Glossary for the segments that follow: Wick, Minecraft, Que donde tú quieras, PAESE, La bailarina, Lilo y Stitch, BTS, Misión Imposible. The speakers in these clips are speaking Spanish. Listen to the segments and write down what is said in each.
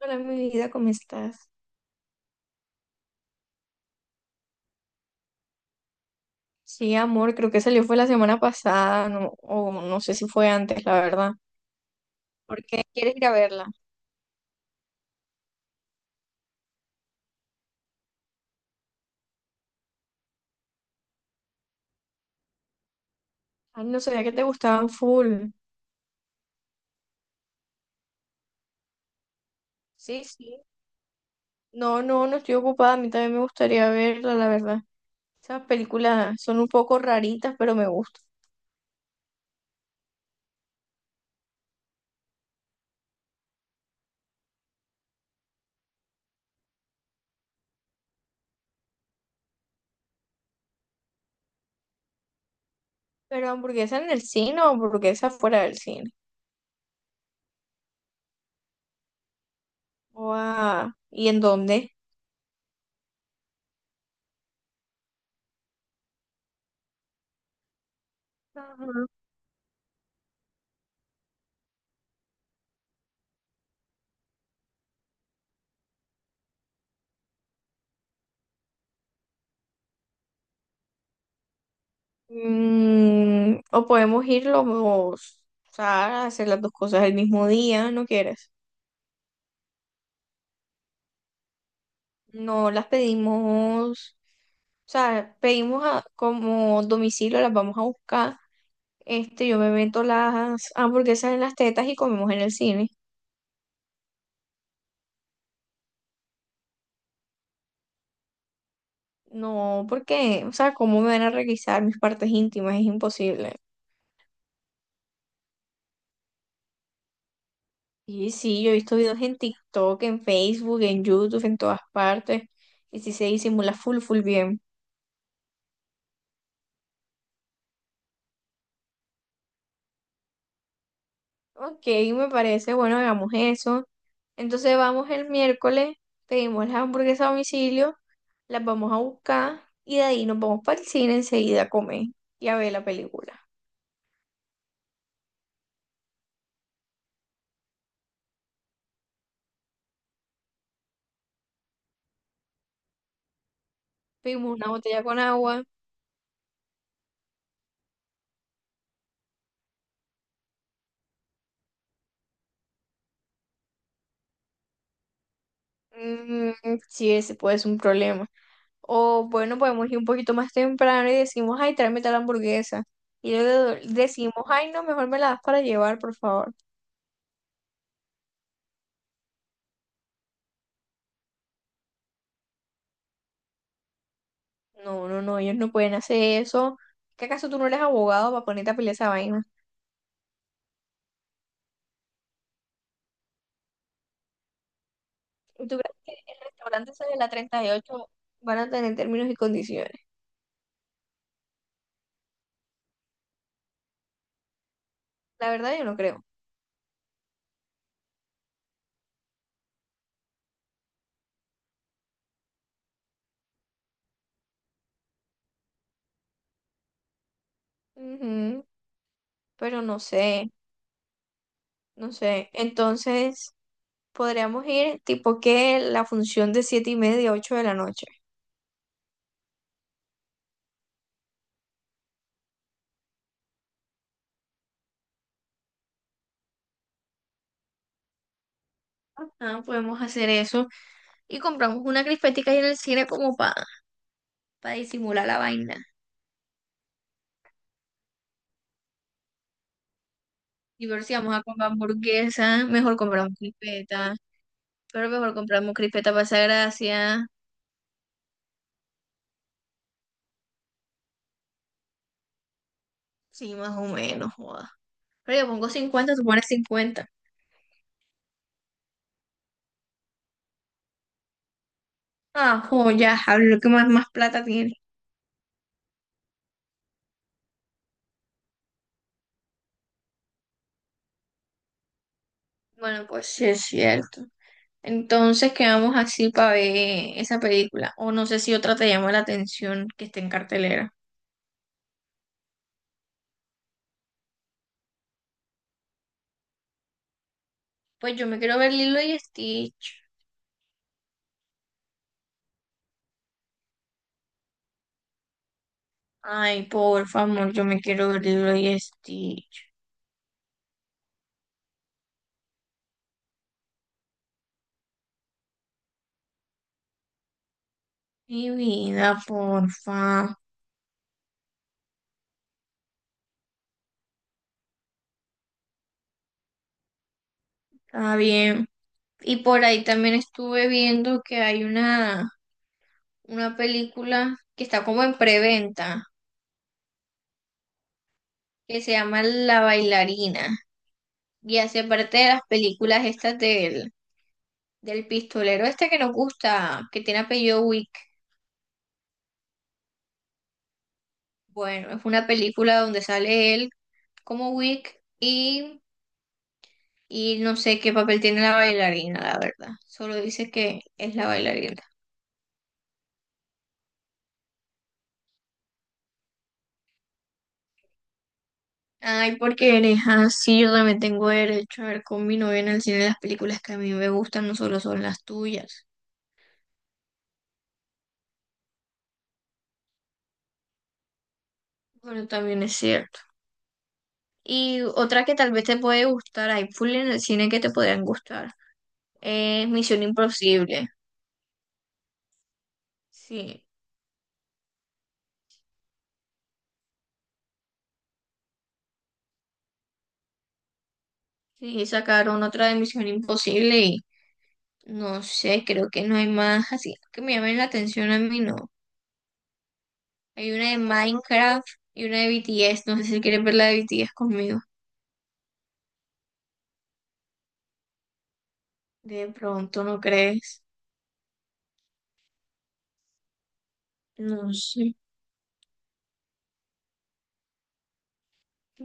Hola, mi vida, ¿cómo estás? Sí, amor, creo que salió fue la semana pasada, o no sé si fue antes, la verdad. ¿Por qué quieres ir a verla? Ay, no sabía que te gustaban full. Sí, sí. No, no, no estoy ocupada, a mí también me gustaría verla, la verdad. Esas películas son un poco raritas, pero me gustan. ¿Pero hamburguesa en el cine o hamburguesa fuera del cine? Guau, ¿y en dónde? Ajá. Mm, o podemos ir o sea, hacer las dos cosas el mismo día, ¿no quieres? No las pedimos, o sea, pedimos como domicilio, las vamos a buscar. Este, yo me meto las hamburguesas en las tetas y comemos en el cine. No, porque, o sea, ¿cómo me van a requisar mis partes íntimas? Es imposible. Y sí, yo he visto videos en TikTok, en Facebook, en YouTube, en todas partes. Y sí se disimula full, full bien. Ok, me parece, bueno, hagamos eso. Entonces vamos el miércoles, pedimos las hamburguesas a domicilio. Las vamos a buscar y de ahí nos vamos para el cine enseguida a comer y a ver la película. Pedimos una botella con agua, mm, sí, ese puede ser un problema. O bueno, podemos ir un poquito más temprano y decimos, ay, tráeme tal hamburguesa. Y luego decimos, ay, no, mejor me la das para llevar, por favor. No, no, no, ellos no pueden hacer eso. ¿Qué acaso tú no eres abogado para ponerte a pelear esa vaina? ¿Y tú crees que el restaurante ese de la 38 van a tener términos y condiciones? La verdad, yo no creo. Ujú, pero no sé. No sé, entonces podríamos ir tipo que la función de siete y media ocho de la noche. Ah, podemos hacer eso y compramos una crispetica ahí en el cine como para disimular la vaina. Y ver si vamos a comprar hamburguesa, mejor compramos crispeta, pero mejor compramos crispeta para esa gracia. Sí, más o menos, joda. Pero yo pongo 50, tú pones 50. Ah, joya, a ver lo que más, más plata tiene. Bueno, pues sí es cierto. Entonces quedamos así para ver esa película. O no sé si otra te llama la atención que esté en cartelera. Pues yo me quiero ver Lilo y Stitch. Ay, por favor, yo me quiero ver Lilo y Stitch. Mi vida, porfa. Está bien. Y por ahí también estuve viendo que hay una película que está como en preventa, que se llama La Bailarina. Y hace parte de las películas estas del, del pistolero este que nos gusta, que tiene apellido Wick. Bueno, es una película donde sale él como Wick y no sé qué papel tiene la bailarina, la verdad. Solo dice que es la bailarina. Ay, porque eres así, yo también tengo derecho a ver con mi novia en el cine las películas que a mí me gustan, no solo son las tuyas. Bueno, también es cierto. Y otra que tal vez te puede gustar, hay full en el cine que te podrían gustar, es Misión Imposible. Sí, sí, sacaron otra de Misión Imposible. No sé, creo que no hay más así que me llamen la atención a mí, no. Hay una de Minecraft y una de BTS. No sé si quieres ver la de BTS conmigo. De pronto, ¿no crees? No sé.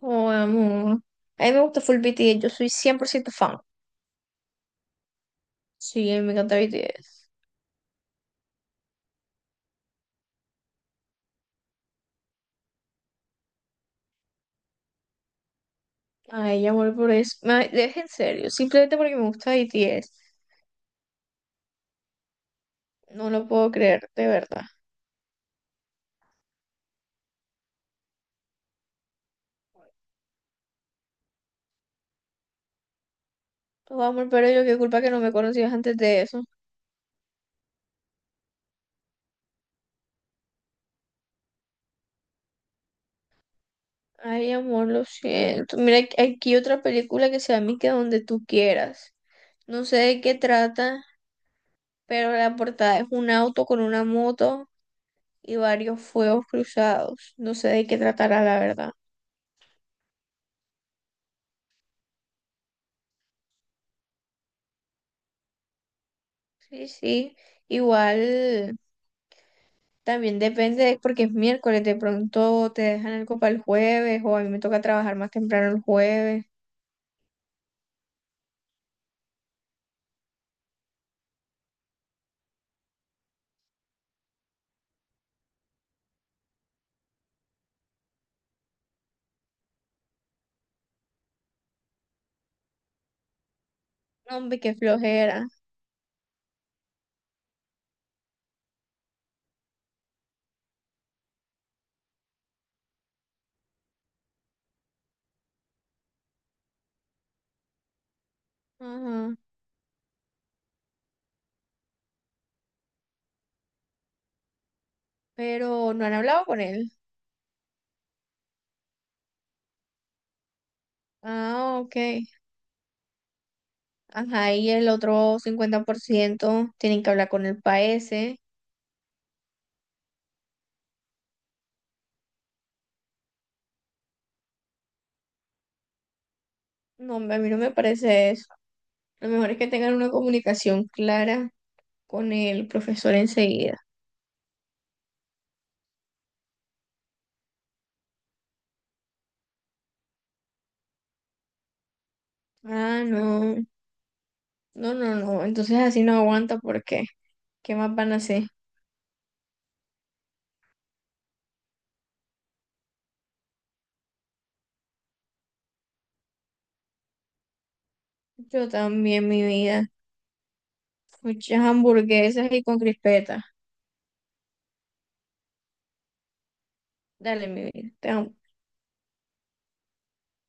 Oh, amor. A mí me gusta full BTS. Yo soy 100% fan. Sí, a mí me encanta BTS. Ay, amor, por eso. Me, es en serio. Simplemente porque me gusta BTS. No lo puedo creer, de verdad. Oh, amor, pero yo qué culpa que no me conocías antes de eso. Ay, amor, lo siento. Mira, aquí otra película que se llama Que donde tú quieras. No sé de qué trata, pero la portada es un auto con una moto y varios fuegos cruzados. No sé de qué tratará, la verdad. Sí, sí. Igual también depende, porque es miércoles, de pronto te dejan algo para el jueves o a mí me toca trabajar más temprano el jueves. No, hombre, qué flojera. Ajá. Pero no han hablado con él. Ah, ok. Ajá, y el otro 50% tienen que hablar con el PAESE. No, hombre, a mí no me parece eso. Lo mejor es que tengan una comunicación clara con el profesor enseguida. Ah, no, no, no, no. Entonces así no aguanta porque ¿qué más van a hacer? Yo también, mi vida. Muchas hamburguesas y con crispetas. Dale, mi vida. Te amo.